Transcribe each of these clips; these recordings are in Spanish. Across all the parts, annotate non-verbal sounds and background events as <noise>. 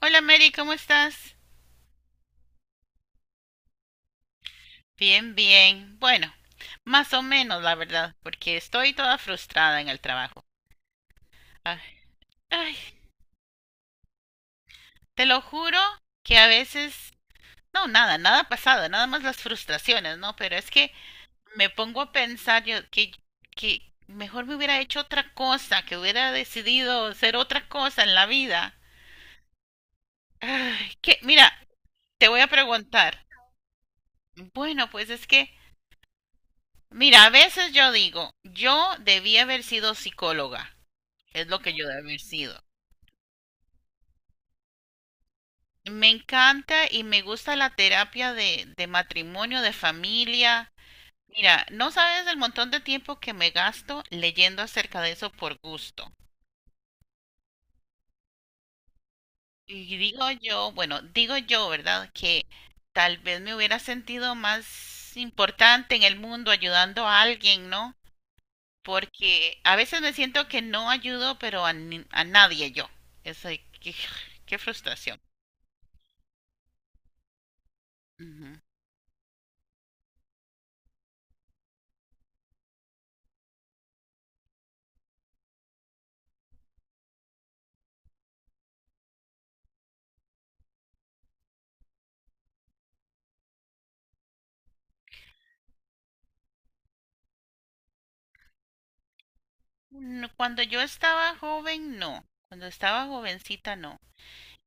Hola Mary, ¿cómo estás? Bien, bien. Bueno, más o menos, la verdad, porque estoy toda frustrada en el trabajo. Ay, ay, te lo juro que a veces, no, nada ha pasado, nada más las frustraciones, ¿no? Pero es que me pongo a pensar yo que mejor me hubiera hecho otra cosa, que hubiera decidido ser otra cosa en la vida. Ay, que, mira, te voy a preguntar. Bueno, pues es que, mira, a veces yo digo, yo debí haber sido psicóloga. Es lo que yo debe haber sido. Me encanta y me gusta la terapia de matrimonio, de familia. Mira, no sabes el montón de tiempo que me gasto leyendo acerca de eso por gusto. Y digo yo, bueno, digo yo, ¿verdad? Que tal vez me hubiera sentido más importante en el mundo ayudando a alguien, ¿no? Porque a veces me siento que no ayudo, pero a, a nadie yo. Eso, qué, qué frustración. Ujú. No, cuando yo estaba joven, no. Cuando estaba jovencita, no.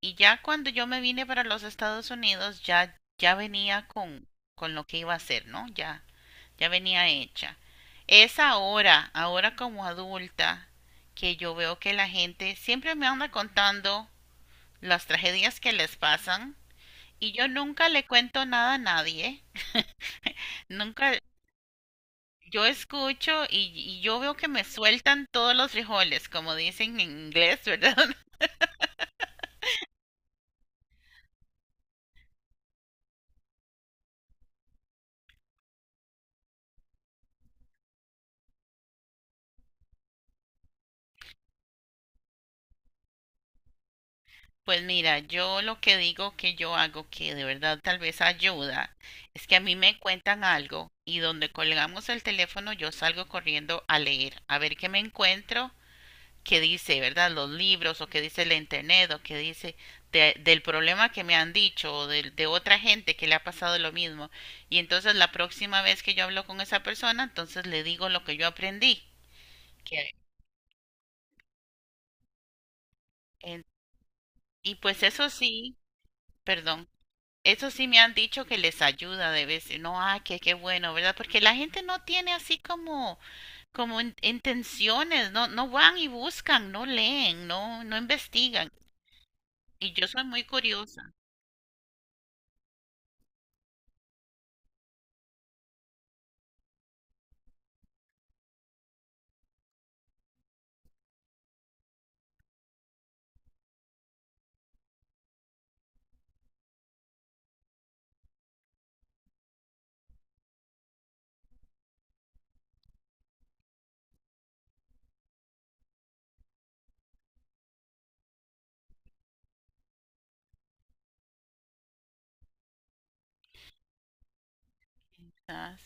Y ya cuando yo me vine para los Estados Unidos, ya, ya venía con lo que iba a hacer, ¿no? Ya, ya venía hecha. Es ahora, ahora como adulta, que yo veo que la gente siempre me anda contando las tragedias que les pasan y yo nunca le cuento nada a nadie. Nunca, yo escucho y yo veo que me sueltan todos los frijoles, como dicen en inglés, <laughs> ¿verdad? Pues mira, yo lo que digo que yo hago que de verdad tal vez ayuda es que a mí me cuentan algo y donde colgamos el teléfono yo salgo corriendo a leer, a ver qué me encuentro, qué dice, ¿verdad? Los libros o qué dice la internet o qué dice del problema que me han dicho o de otra gente que le ha pasado lo mismo. Y entonces la próxima vez que yo hablo con esa persona, entonces le digo lo que yo aprendí. Que, en- y pues eso sí, perdón. Eso sí me han dicho que les ayuda de vez, no, ah, qué, qué bueno, ¿verdad? Porque la gente no tiene así como, como intenciones, no, no van y buscan, no leen, no, no investigan. Y yo soy muy curiosa. Quizás.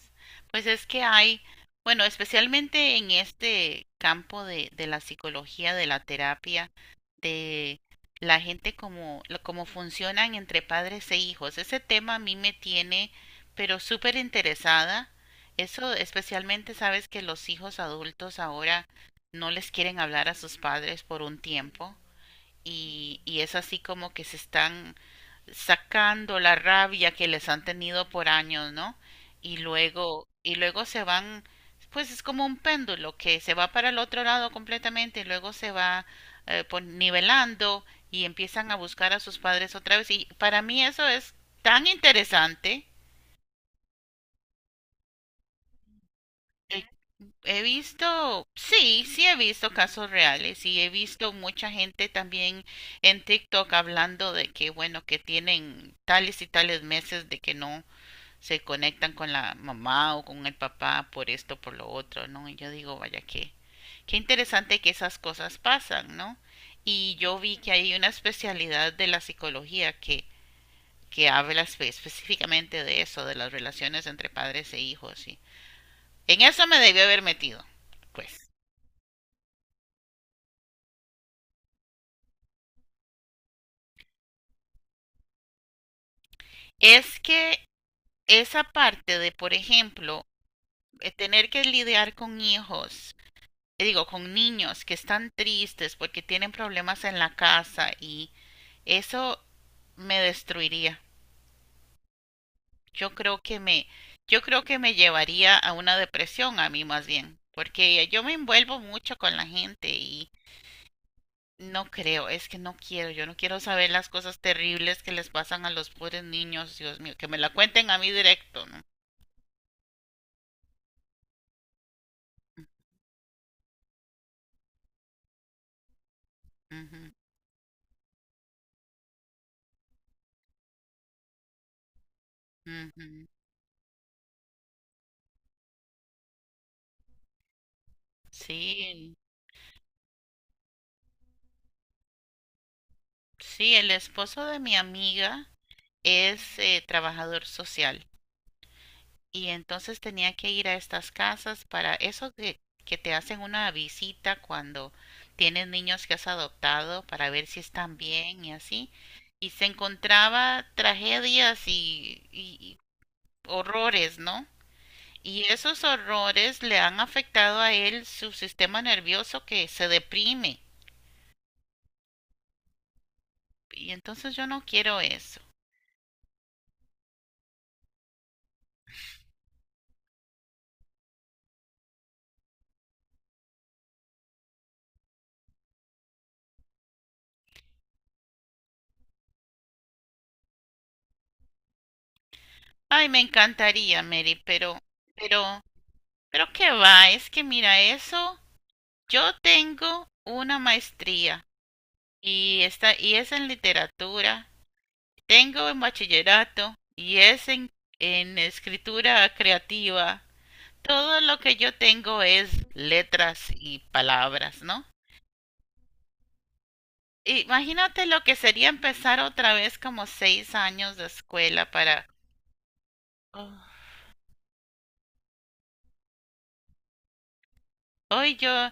Pues es que hay, bueno, especialmente en este campo de la psicología, de la terapia, de la gente como, como funcionan entre padres e hijos. Ese tema a mí me tiene, pero súper interesada. Eso especialmente sabes que los hijos adultos ahora no les quieren hablar a sus padres por un tiempo y es así como que se están sacando la rabia que les han tenido por años, ¿no? Y luego se van, pues es como un péndulo que se va para el otro lado completamente y luego se va nivelando y empiezan a buscar a sus padres otra vez. Y para mí eso es tan interesante. Eh, He visto, sí, sí he visto casos reales y he visto mucha gente también en TikTok hablando de que, bueno, que tienen tales y tales meses de que no se conectan con la mamá o con el papá por esto, por lo otro, ¿no? Y yo digo, vaya, qué, qué interesante que esas cosas pasan, ¿no? Y yo vi que hay una especialidad de la psicología que habla específicamente de eso, de las relaciones entre padres e hijos. Y en eso me debió haber metido, pues. Es que esa parte de, por ejemplo, tener que lidiar con hijos, digo, con niños que están tristes porque tienen problemas en la casa y eso me destruiría. Yo creo que me, yo creo que me llevaría a una depresión a mí más bien, porque yo me envuelvo mucho con la gente y no creo, es que no quiero, yo no quiero saber las cosas terribles que les pasan a los pobres niños, Dios mío, que me la cuenten a mí directo, ¿no? Ujú, ujú. Sí, sí, el esposo de mi amiga es trabajador social. Y entonces tenía que ir a estas casas para eso que te hacen una visita cuando tienes niños que has adoptado para ver si están bien y así. Y se encontraba tragedias y horrores, ¿no? Y esos horrores le han afectado a él su sistema nervioso que se deprime. Y entonces yo no quiero eso. Ay, me encantaría, Mary, pero, pero qué va, es que mira, eso yo tengo una maestría y es en literatura, tengo en bachillerato y es en escritura creativa. Todo lo que yo tengo es letras y palabras, ¿no? Imagínate lo que sería empezar otra vez como 6 años de escuela para... Oh, hoy yo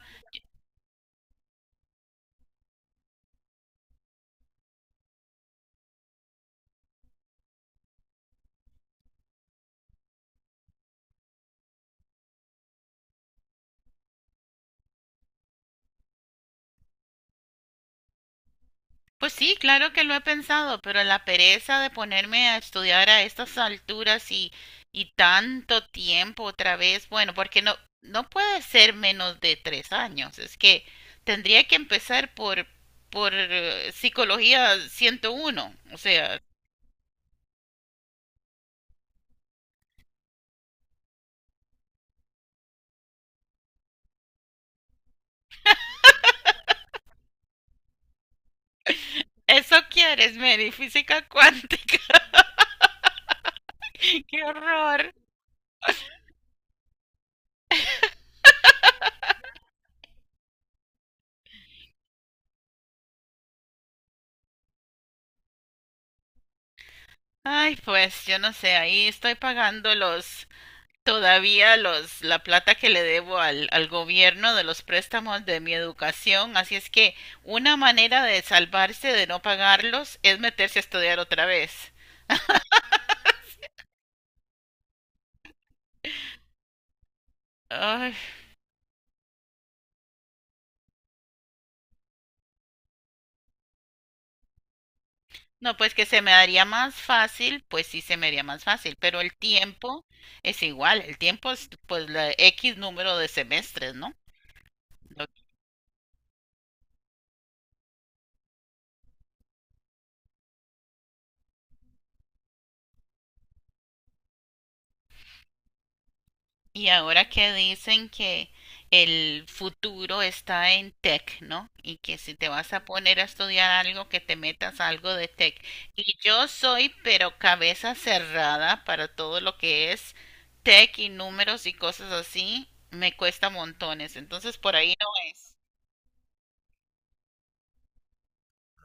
pues sí, claro que lo he pensado, pero la pereza de ponerme a estudiar a estas alturas y tanto tiempo otra vez, bueno, porque no, no puede ser menos de 3 años, es que tendría que empezar por, por psicología 101, o sea, eso quieres, Mary, física cuántica, <laughs> qué horror. Ay, pues yo no sé, ahí estoy pagando los todavía los, la plata que le debo al, al gobierno de los préstamos de mi educación, así es que una manera de salvarse de no pagarlos es meterse a estudiar otra vez. Ay, no, pues que se me daría más fácil, pues sí se me haría más fácil, pero el tiempo es igual, el tiempo es pues la X número de semestres, ¿no? Lo y ahora que dicen que el futuro está en tech, ¿no? Y que si te vas a poner a estudiar algo, que te metas a algo de tech. Y yo soy, pero cabeza cerrada para todo lo que es tech y números y cosas así, me cuesta montones. Entonces por ahí no es.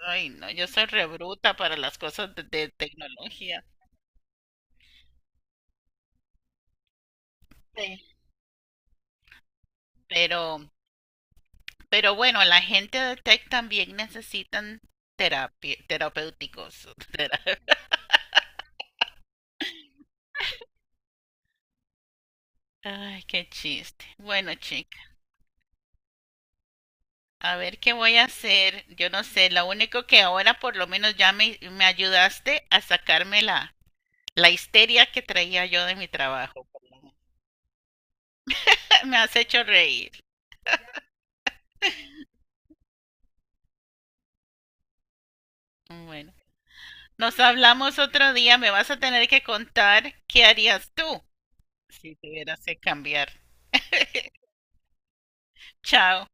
Ay, no, yo soy rebruta para las cosas de tecnología. Sí. Pero Pero bueno, la gente de tech también necesitan terapia, terapéuticos. <laughs> Ay, qué chiste. Bueno, chica, a ver qué voy a hacer. Yo no sé, lo único que ahora por lo menos ya me ayudaste a sacarme la, la histeria que traía yo de mi trabajo. <laughs> por lo menos. <laughs> Me has hecho reír. Bueno, nos hablamos otro día. Me vas a tener que contar qué harías tú si tuvieras que cambiar. Chao.